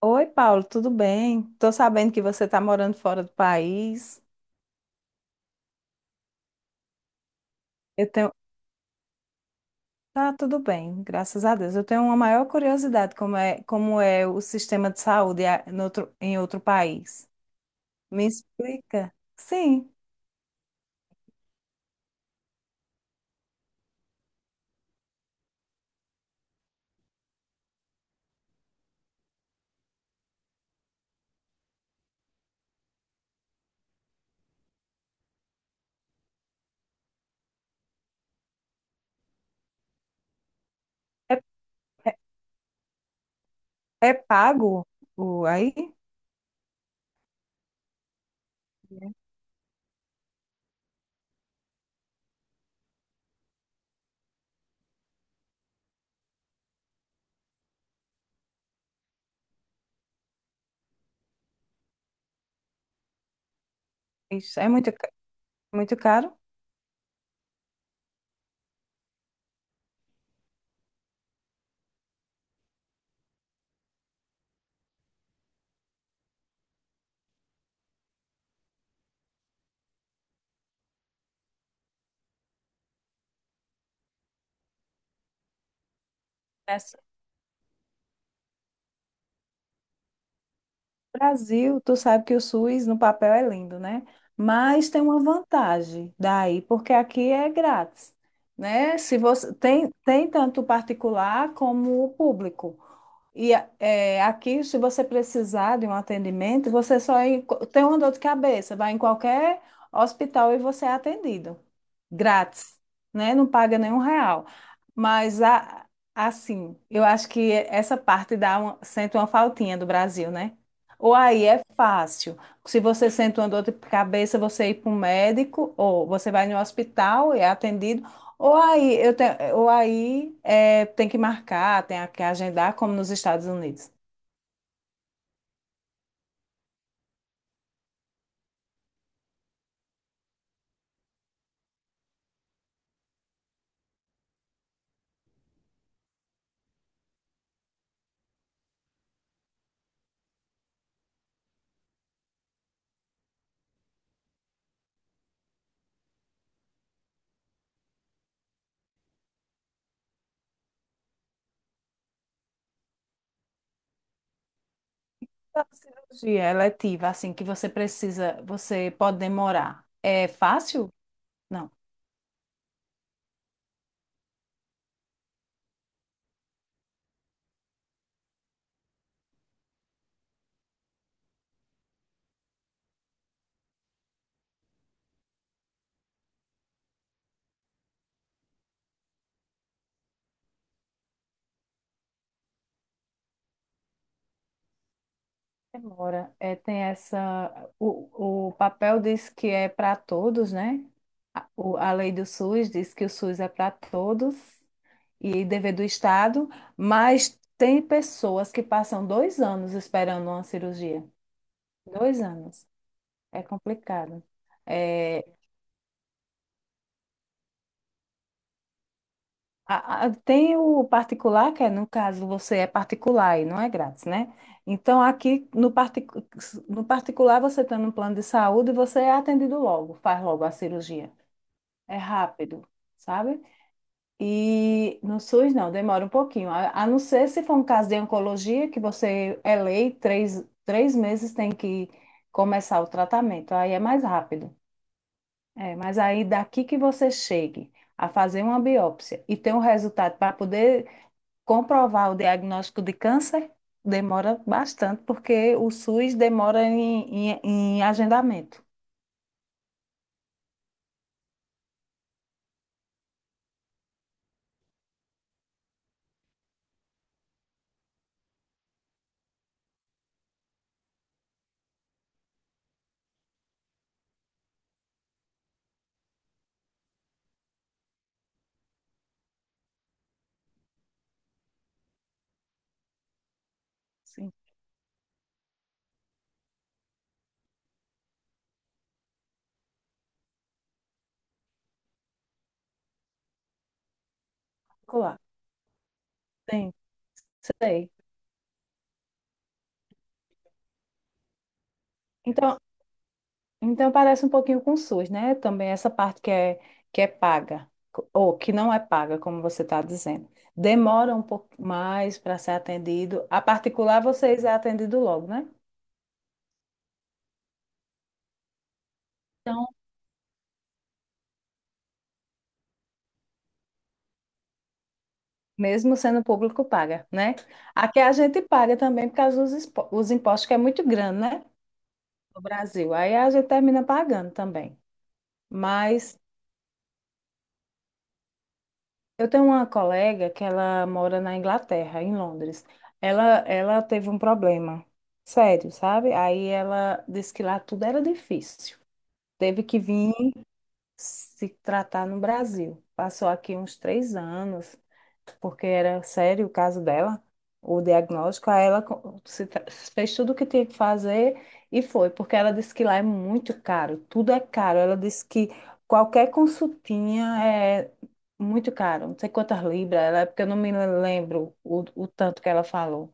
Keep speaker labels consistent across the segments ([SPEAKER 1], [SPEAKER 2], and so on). [SPEAKER 1] Oi, Paulo, tudo bem? Tô sabendo que você está morando fora do país. Eu tenho, tá tudo bem, graças a Deus. Eu tenho uma maior curiosidade como é o sistema de saúde a- no outro- em outro país. Me explica. Sim, é, é pago o aí? É. Isso é muito caro? Brasil, tu sabe que o SUS no papel é lindo, né? Mas tem uma vantagem daí, porque aqui é grátis, né? Se você tem tanto o particular como o público. E é, aqui, se você precisar de um atendimento, tem uma dor de cabeça, vai em qualquer hospital e você é atendido grátis, né? Não paga nenhum real. Mas a- assim, eu acho que essa parte sente uma faltinha do Brasil, né? Ou aí é fácil. Se você sente uma dor de cabeça, você ir para um médico, ou você vai no hospital e é atendido. Ou aí, tem que marcar, tem que agendar, como nos Estados Unidos. A cirurgia eletiva, assim, que você precisa, você pode demorar. É fácil? Não. Demora. É, tem essa. O papel diz que é para todos, né? A lei do SUS diz que o SUS é para todos e dever do Estado, mas tem pessoas que passam 2 anos uma cirurgia. 2 anos. É complicado. É, Tem o particular, que é, no caso, você é particular e não é grátis, né? Então, aqui no, partic- no particular, você tem um plano de saúde e você é atendido logo, faz logo a cirurgia. É rápido, sabe? E no SUS não, demora um pouquinho. A não ser se for um caso de oncologia, que você é lei, três meses tem que começar o tratamento, aí é mais rápido. É, mas aí daqui que você chegue a fazer uma biópsia e ter um resultado para poder comprovar o diagnóstico de câncer, demora bastante, porque o SUS demora em agendamento. Sim, particular. Sim, sei. Então, Então parece um pouquinho com o SUS, né? Também essa parte que é paga, ou que não é paga, como você está dizendo. Demora um pouco mais para ser atendido. A particular, vocês é atendido logo, né? Então, mesmo sendo público, paga, né? Aqui a gente paga também por causa dos os impostos, que é muito grande, né? No Brasil. Aí a gente termina pagando também. Mas eu tenho uma colega que ela mora na Inglaterra, em Londres. Ela teve um problema sério, sabe? Aí ela disse que lá tudo era difícil. Teve que vir se tratar no Brasil. Passou aqui uns 3 anos, porque era sério o caso dela, o diagnóstico. Aí ela co- se tra- fez tudo o que tinha que fazer e foi, porque ela disse que lá é muito caro, tudo é caro. Ela disse que qualquer consultinha é muito caro, não sei quantas libras, é porque eu não me lembro o tanto que ela falou.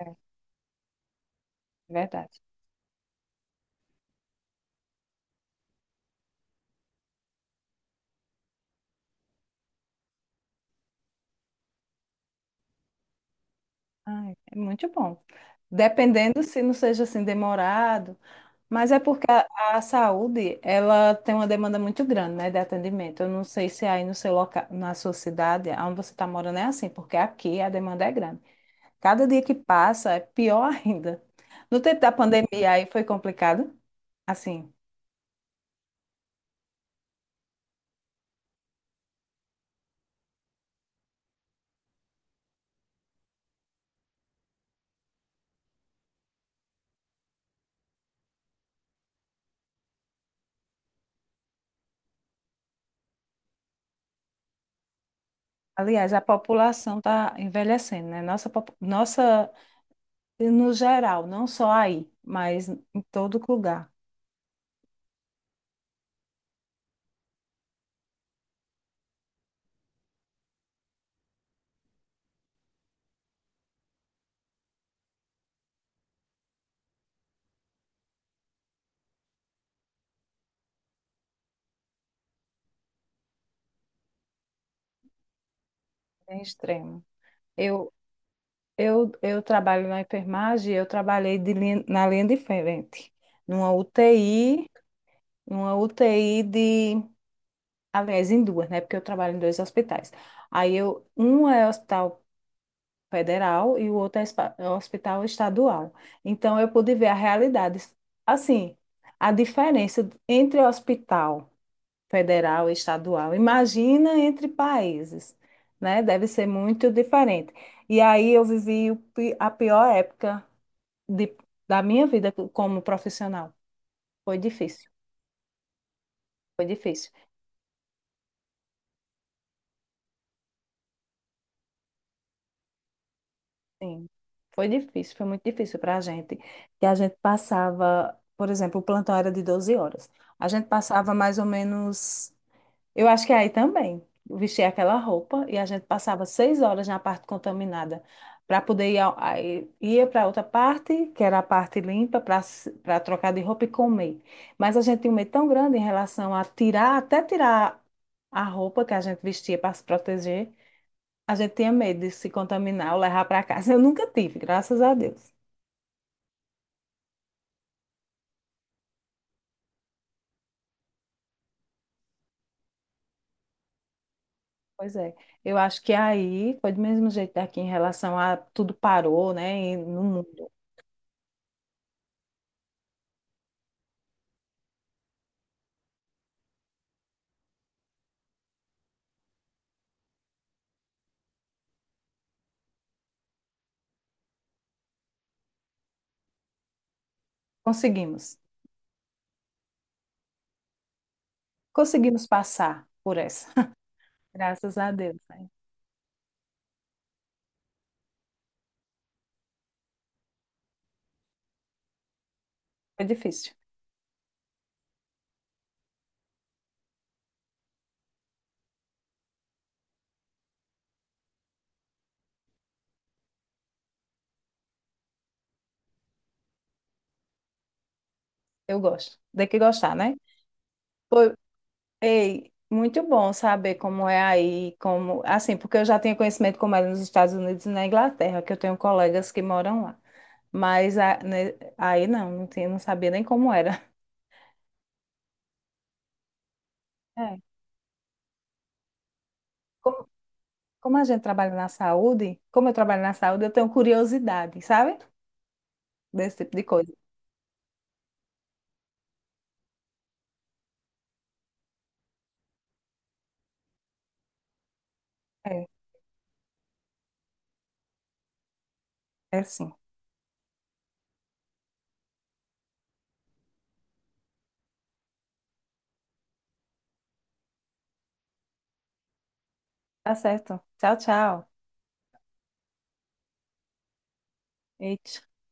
[SPEAKER 1] É verdade. Ai, é muito bom. Dependendo se não seja assim demorado. Mas é porque a saúde, ela tem uma demanda muito grande, né, de atendimento. Eu não sei se aí no seu local, na sua cidade, onde você está morando, é assim, porque aqui a demanda é grande. Cada dia que passa é pior ainda. No tempo da pandemia aí foi complicado, assim. Aliás, a população está envelhecendo, né? Nossa, no geral, não só aí, mas em todo lugar, é extremo. Eu, eu trabalho na enfermagem, eu trabalhei na linha de frente, numa UTI, numa UTI de, aliás, em duas, né? Porque eu trabalho em dois hospitais. Um é hospital federal e o outro é é um hospital estadual. Então eu pude ver a realidade, assim, a diferença entre hospital federal e estadual. Imagina entre países, né? Deve ser muito diferente. E aí eu vivi a pior época de- da minha vida como profissional. Foi difícil, foi difícil. Sim, foi difícil, foi muito difícil para a gente. Que a gente passava, por exemplo, o plantão era de 12 horas. A gente passava mais ou menos eu acho que aí também. Eu vestia aquela roupa e a gente passava 6 horas na parte contaminada para poder aí ia para outra parte, que era a parte limpa, para trocar de roupa e comer. Mas a gente tinha um medo tão grande em relação a tirar, até tirar a roupa que a gente vestia para se proteger. A gente tinha medo de se contaminar ou levar para casa. Eu nunca tive, graças a Deus. Pois é, eu acho que aí foi do mesmo jeito daqui em relação a tudo parou, né? E no mundo. Conseguimos. Conseguimos passar por essa. Graças a Deus, né? Foi difícil. Eu gosto. Tem que gostar, né? Foi, Ei, muito bom saber como é aí, como, assim, porque eu já tenho conhecimento como é nos Estados Unidos e na Inglaterra, que eu tenho colegas que moram lá. Mas né, aí não tinha, não sabia nem como era. É. Como, como a gente trabalha na saúde, como eu trabalho na saúde, eu tenho curiosidade, sabe? Desse tipo de coisa. É, é, sim. Tá certo. Tchau, tchau. Eita.